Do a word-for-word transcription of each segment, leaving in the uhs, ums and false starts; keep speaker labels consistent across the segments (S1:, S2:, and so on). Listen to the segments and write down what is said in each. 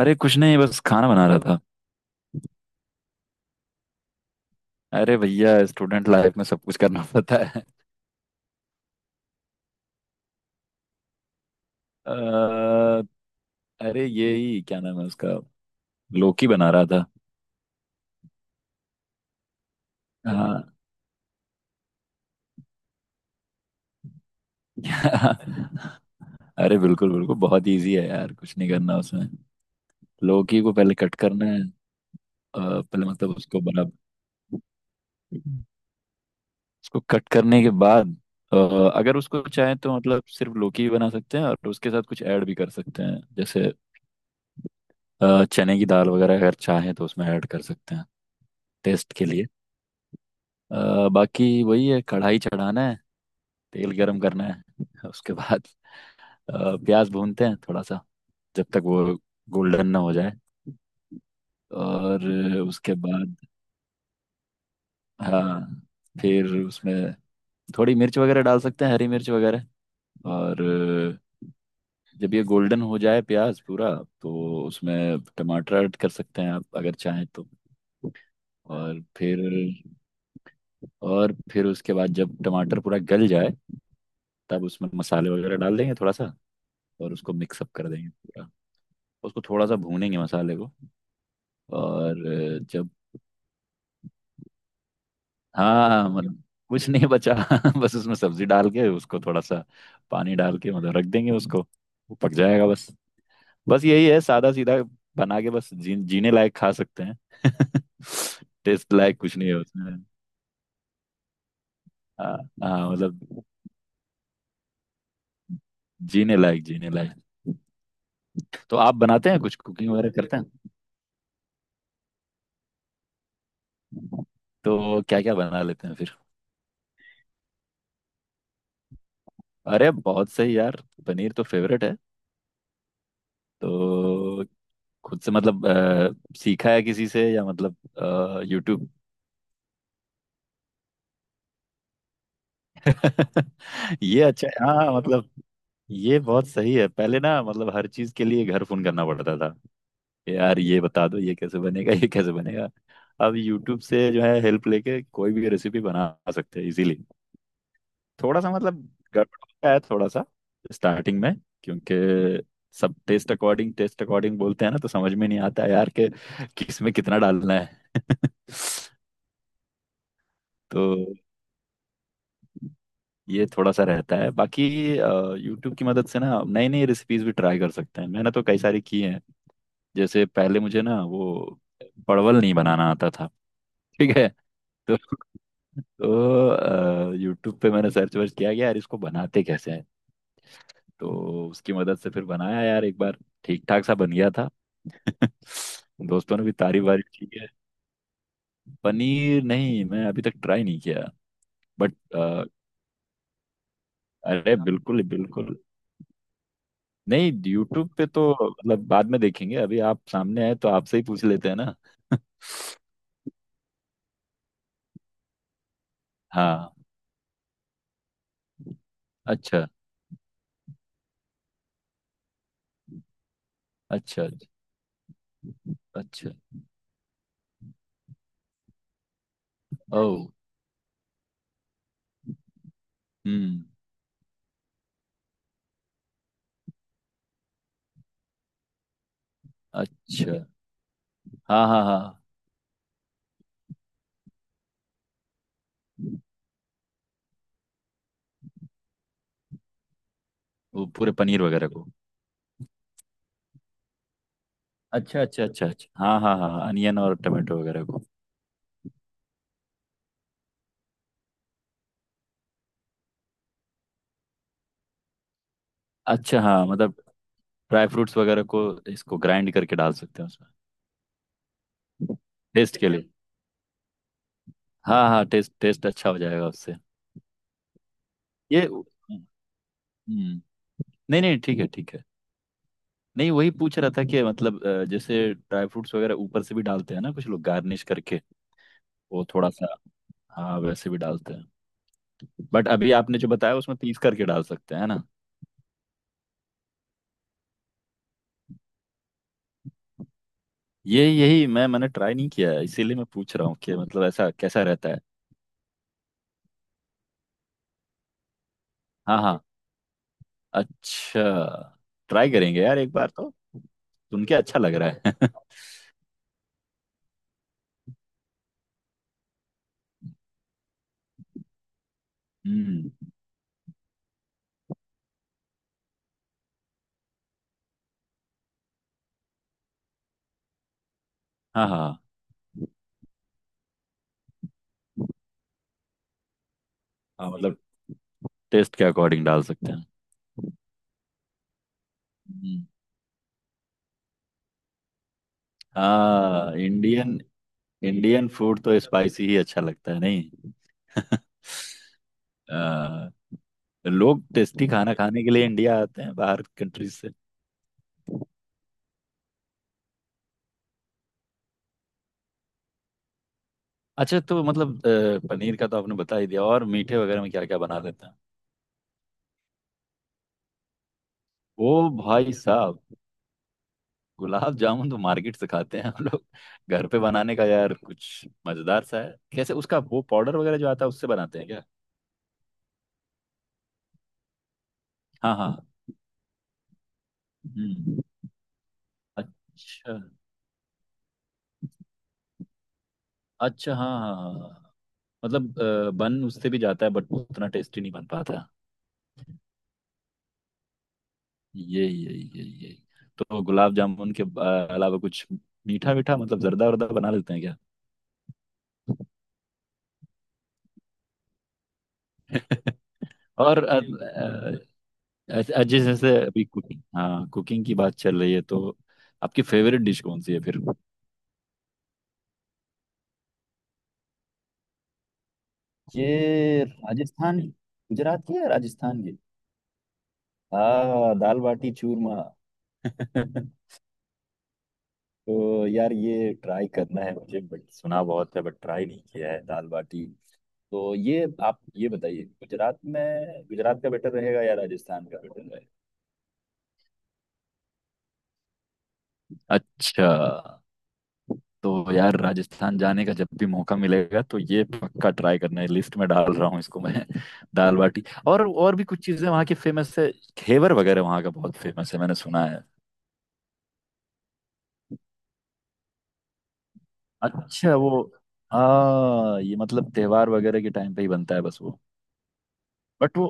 S1: अरे कुछ नहीं, बस खाना बना रहा था। अरे भैया, स्टूडेंट लाइफ में सब कुछ करना पड़ता है। अ, अरे ये ही क्या नाम है उसका। लौकी बना रहा था। हाँ। अरे बिल्कुल बिल्कुल बहुत इजी है यार, कुछ नहीं करना उसमें। लौकी को पहले कट करना है। अ, पहले मतलब उसको बराबर उसको कट करने के बाद। अ, अगर उसको चाहे तो मतलब सिर्फ लौकी भी बना सकते हैं और उसके साथ कुछ ऐड भी कर सकते हैं, जैसे अ, चने की दाल वगैरह अगर चाहे तो उसमें ऐड कर सकते हैं, टेस्ट के लिए। अ, बाकी वही है, कढ़ाई चढ़ाना है। तेल गरम करना है। उसके बाद अ, प्याज भूनते हैं थोड़ा सा, जब तक वो गोल्डन ना हो जाए। और उसके बाद हाँ, फिर उसमें थोड़ी मिर्च वगैरह डाल सकते हैं, हरी मिर्च वगैरह। और जब ये गोल्डन हो जाए प्याज पूरा, तो उसमें टमाटर ऐड कर सकते हैं आप, अगर चाहें तो। और फिर और फिर उसके बाद जब टमाटर पूरा गल जाए, तब उसमें मसाले वगैरह डाल देंगे थोड़ा सा, और उसको मिक्सअप कर देंगे पूरा। उसको थोड़ा सा भूनेंगे मसाले को। और अ, जब, हाँ मतलब कुछ नहीं बचा बस उसमें सब्जी डाल के उसको थोड़ा सा पानी डाल के, मतलब रख देंगे उसको, वो पक जाएगा बस। बस यही है, सादा सीधा बना के बस जी, जीने लायक खा सकते हैं। टेस्ट लायक कुछ नहीं है उसमें। हाँ हाँ, मतलब जीने लायक, जीने लायक। तो आप बनाते हैं, कुछ कुकिंग वगैरह करते हैं? तो क्या क्या बना लेते हैं फिर? अरे बहुत सही यार, पनीर तो फेवरेट है। तो खुद से मतलब अ, सीखा है किसी से, या मतलब यूट्यूब? ये अच्छा है, हाँ मतलब ये बहुत सही है। पहले ना मतलब हर चीज के लिए घर फोन करना पड़ता था, यार ये बता दो ये कैसे बनेगा, ये कैसे बनेगा। अब यूट्यूब से जो है, हेल्प लेके कोई भी रेसिपी बना सकते हैं इजीली। थोड़ा सा मतलब गड़बड़ होता है थोड़ा सा स्टार्टिंग में, क्योंकि सब टेस्ट अकॉर्डिंग टेस्ट अकॉर्डिंग बोलते हैं ना, तो समझ में नहीं आता यार कि किस में कितना डालना है। तो ये थोड़ा सा रहता है, बाकी यूट्यूब की मदद से ना नई नई रेसिपीज भी ट्राई कर सकते हैं, मैंने तो कई सारी की हैं। जैसे पहले मुझे ना वो परवल नहीं बनाना आता था, ठीक है। तो तो यूट्यूब पे मैंने सर्च वर्च किया कि यार इसको बनाते कैसे हैं, तो उसकी मदद से फिर बनाया यार एक बार, ठीक ठाक सा बन गया था। दोस्तों ने भी तारीफ वारीफ की है। पनीर नहीं, मैं अभी तक ट्राई नहीं किया। बट अरे बिल्कुल बिल्कुल, नहीं यूट्यूब पे तो मतलब बाद में देखेंगे, अभी आप सामने आए तो आपसे ही पूछ लेते हैं ना। हाँ। अच्छा अच्छा अच्छा। ओ। हम्म। अच्छा। हाँ हाँ हाँ, वो पूरे पनीर वगैरह को? अच्छा अच्छा अच्छा अच्छा, हाँ हाँ हाँ हाँ, अनियन और टमाटो वगैरह को। अच्छा, हाँ मतलब ड्राई फ्रूट्स वगैरह को, इसको ग्राइंड करके डाल सकते हैं उसमें, टेस्ट के लिए। हाँ हाँ, टेस्ट, टेस्ट अच्छा हो जाएगा उससे। ये हम्म। हम्म, नहीं नहीं, ठीक है ठीक है। नहीं वही पूछ रहा था कि मतलब अ, जैसे ड्राई फ्रूट्स वगैरह ऊपर से भी डालते हैं ना कुछ लोग गार्निश करके, वो थोड़ा सा। हाँ वैसे भी डालते हैं। बट अभी आपने जो बताया उसमें पीस करके डाल सकते हैं, है ना? ये यही मैं मैंने ट्राई नहीं किया है, इसीलिए मैं पूछ रहा हूँ कि मतलब ऐसा कैसा रहता है। हाँ हाँ। अच्छा, ट्राई करेंगे यार, एक बार तो। सुन के अच्छा लग रहा है। हम्म। हाँ हाँ हाँ, मतलब टेस्ट के अकॉर्डिंग डाल सकते हैं। हम्म, हाँ इंडियन। इंडियन फूड तो स्पाइसी ही अच्छा लगता है, नहीं? अ, लोग टेस्टी खाना खाने के लिए इंडिया आते हैं बाहर कंट्रीज से। अच्छा, तो मतलब अ, पनीर का तो आपने बता ही दिया, और मीठे वगैरह में क्या क्या बना लेते हैं? ओ भाई साहब, गुलाब जामुन तो मार्केट से खाते हैं हम लोग, घर पे बनाने का यार कुछ मजेदार सा है। कैसे, उसका वो पाउडर वगैरह जो आता है उससे बनाते हैं क्या? हाँ हाँ। हम्म। अच्छा अच्छा। हाँ हाँ हाँ हाँ। मतलब अ, बन उससे भी जाता है, बट उतना टेस्टी नहीं बन पाता। यही यही यही यही। तो गुलाब जामुन के अ, अलावा कुछ मीठा मीठा, मतलब जर्दा वर्दा बना लेते हैं क्या? और अ, अ, अ, जिस जैसे अभी कुकिंग, हाँ, कुकिंग की बात चल रही है, तो आपकी फेवरेट डिश कौन सी है फिर? ये राजस्थान, गुजरात की है, राजस्थान की। हाँ, दाल बाटी चूरमा। तो यार ये ट्राई करना है मुझे, बट सुना बहुत है, बट ट्राई नहीं किया है दाल बाटी। तो ये आप ये बताइए, गुजरात में गुजरात का बेटर रहेगा, या राजस्थान का बेटर रहेगा? अच्छा, तो यार राजस्थान जाने का जब भी मौका मिलेगा तो ये पक्का ट्राई करना है, लिस्ट में डाल रहा हूँ इसको मैं। दाल बाटी, और और भी कुछ चीजें वहाँ की फेमस है। घेवर वगैरह वहाँ का बहुत फेमस है, मैंने सुना है। अच्छा वो, हाँ ये मतलब त्योहार वगैरह के टाइम पे ही बनता है बस वो। बट वो,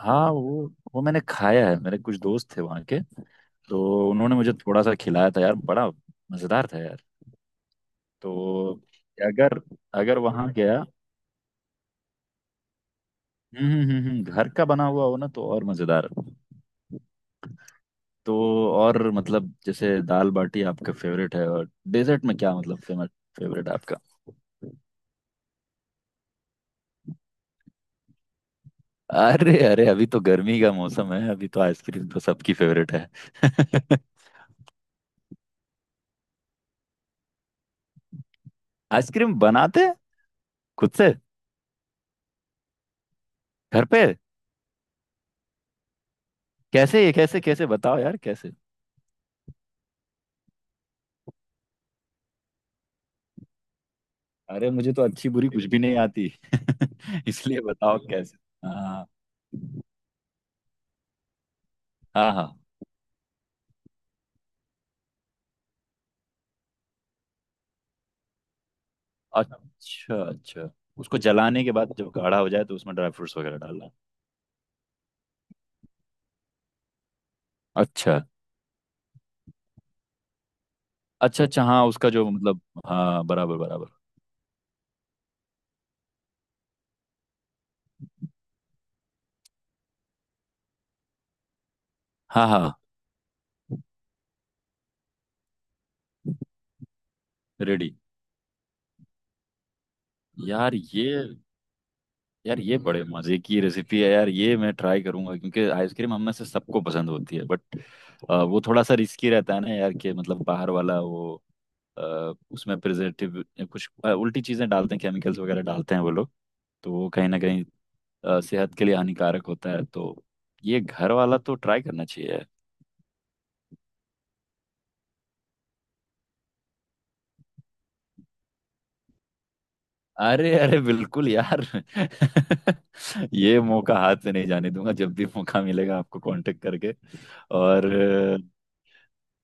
S1: हाँ वो वो मैंने खाया है। मेरे कुछ दोस्त थे वहाँ के, तो उन्होंने मुझे थोड़ा सा खिलाया था यार, बड़ा मज़ेदार था यार। तो अगर अगर वहाँ गया, हम्म हम्म हम्म हम्म, घर का बना हुआ हो ना तो और मज़ेदार। तो और मतलब जैसे दाल बाटी आपका फेवरेट है, और डेजर्ट में क्या, मतलब फेमस फेवरेट आपका? अरे अरे, अभी तो गर्मी का मौसम है, अभी तो आइसक्रीम तो सबकी फेवरेट है। आइसक्रीम बनाते हैं खुद से घर पे? कैसे ये, कैसे कैसे बताओ यार, कैसे? अरे मुझे तो अच्छी बुरी कुछ भी नहीं आती। इसलिए बताओ अच्छा कैसे। हाँ हाँ हाँ। अच्छा अच्छा, उसको जलाने के बाद जब गाढ़ा हो जाए तो उसमें ड्राई फ्रूट्स वगैरह डालना। अच्छा अच्छा अच्छा, हाँ उसका जो मतलब। हाँ बराबर बराबर। हाँ हाँ। रेडी। यार ये यार ये बड़े मजे की रेसिपी है, यार ये मैं ट्राई करूंगा, क्योंकि आइसक्रीम हम में से सबको पसंद होती है, बट वो थोड़ा सा रिस्की रहता है ना यार, कि मतलब बाहर वाला वो अ, उसमें प्रिजर्वेटिव, कुछ अ, उल्टी चीजें डालते हैं, केमिकल्स वगैरह डालते हैं वो लोग, तो वो कहीं ना कहीं अ, सेहत के लिए हानिकारक होता है, तो ये घर वाला तो ट्राई करना चाहिए यार। अरे अरे बिल्कुल यार, ये मौका हाथ से नहीं जाने दूंगा, जब भी मौका मिलेगा आपको कांटेक्ट करके। और,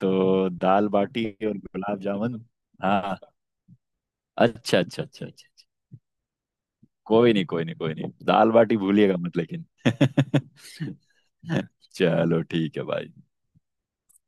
S1: तो दाल बाटी और गुलाब जामुन। हाँ। अच्छा अच्छा अच्छा अच्छा अच्छा। कोई नहीं कोई नहीं कोई नहीं, दाल बाटी भूलिएगा मत लेकिन। चलो ठीक है भाई।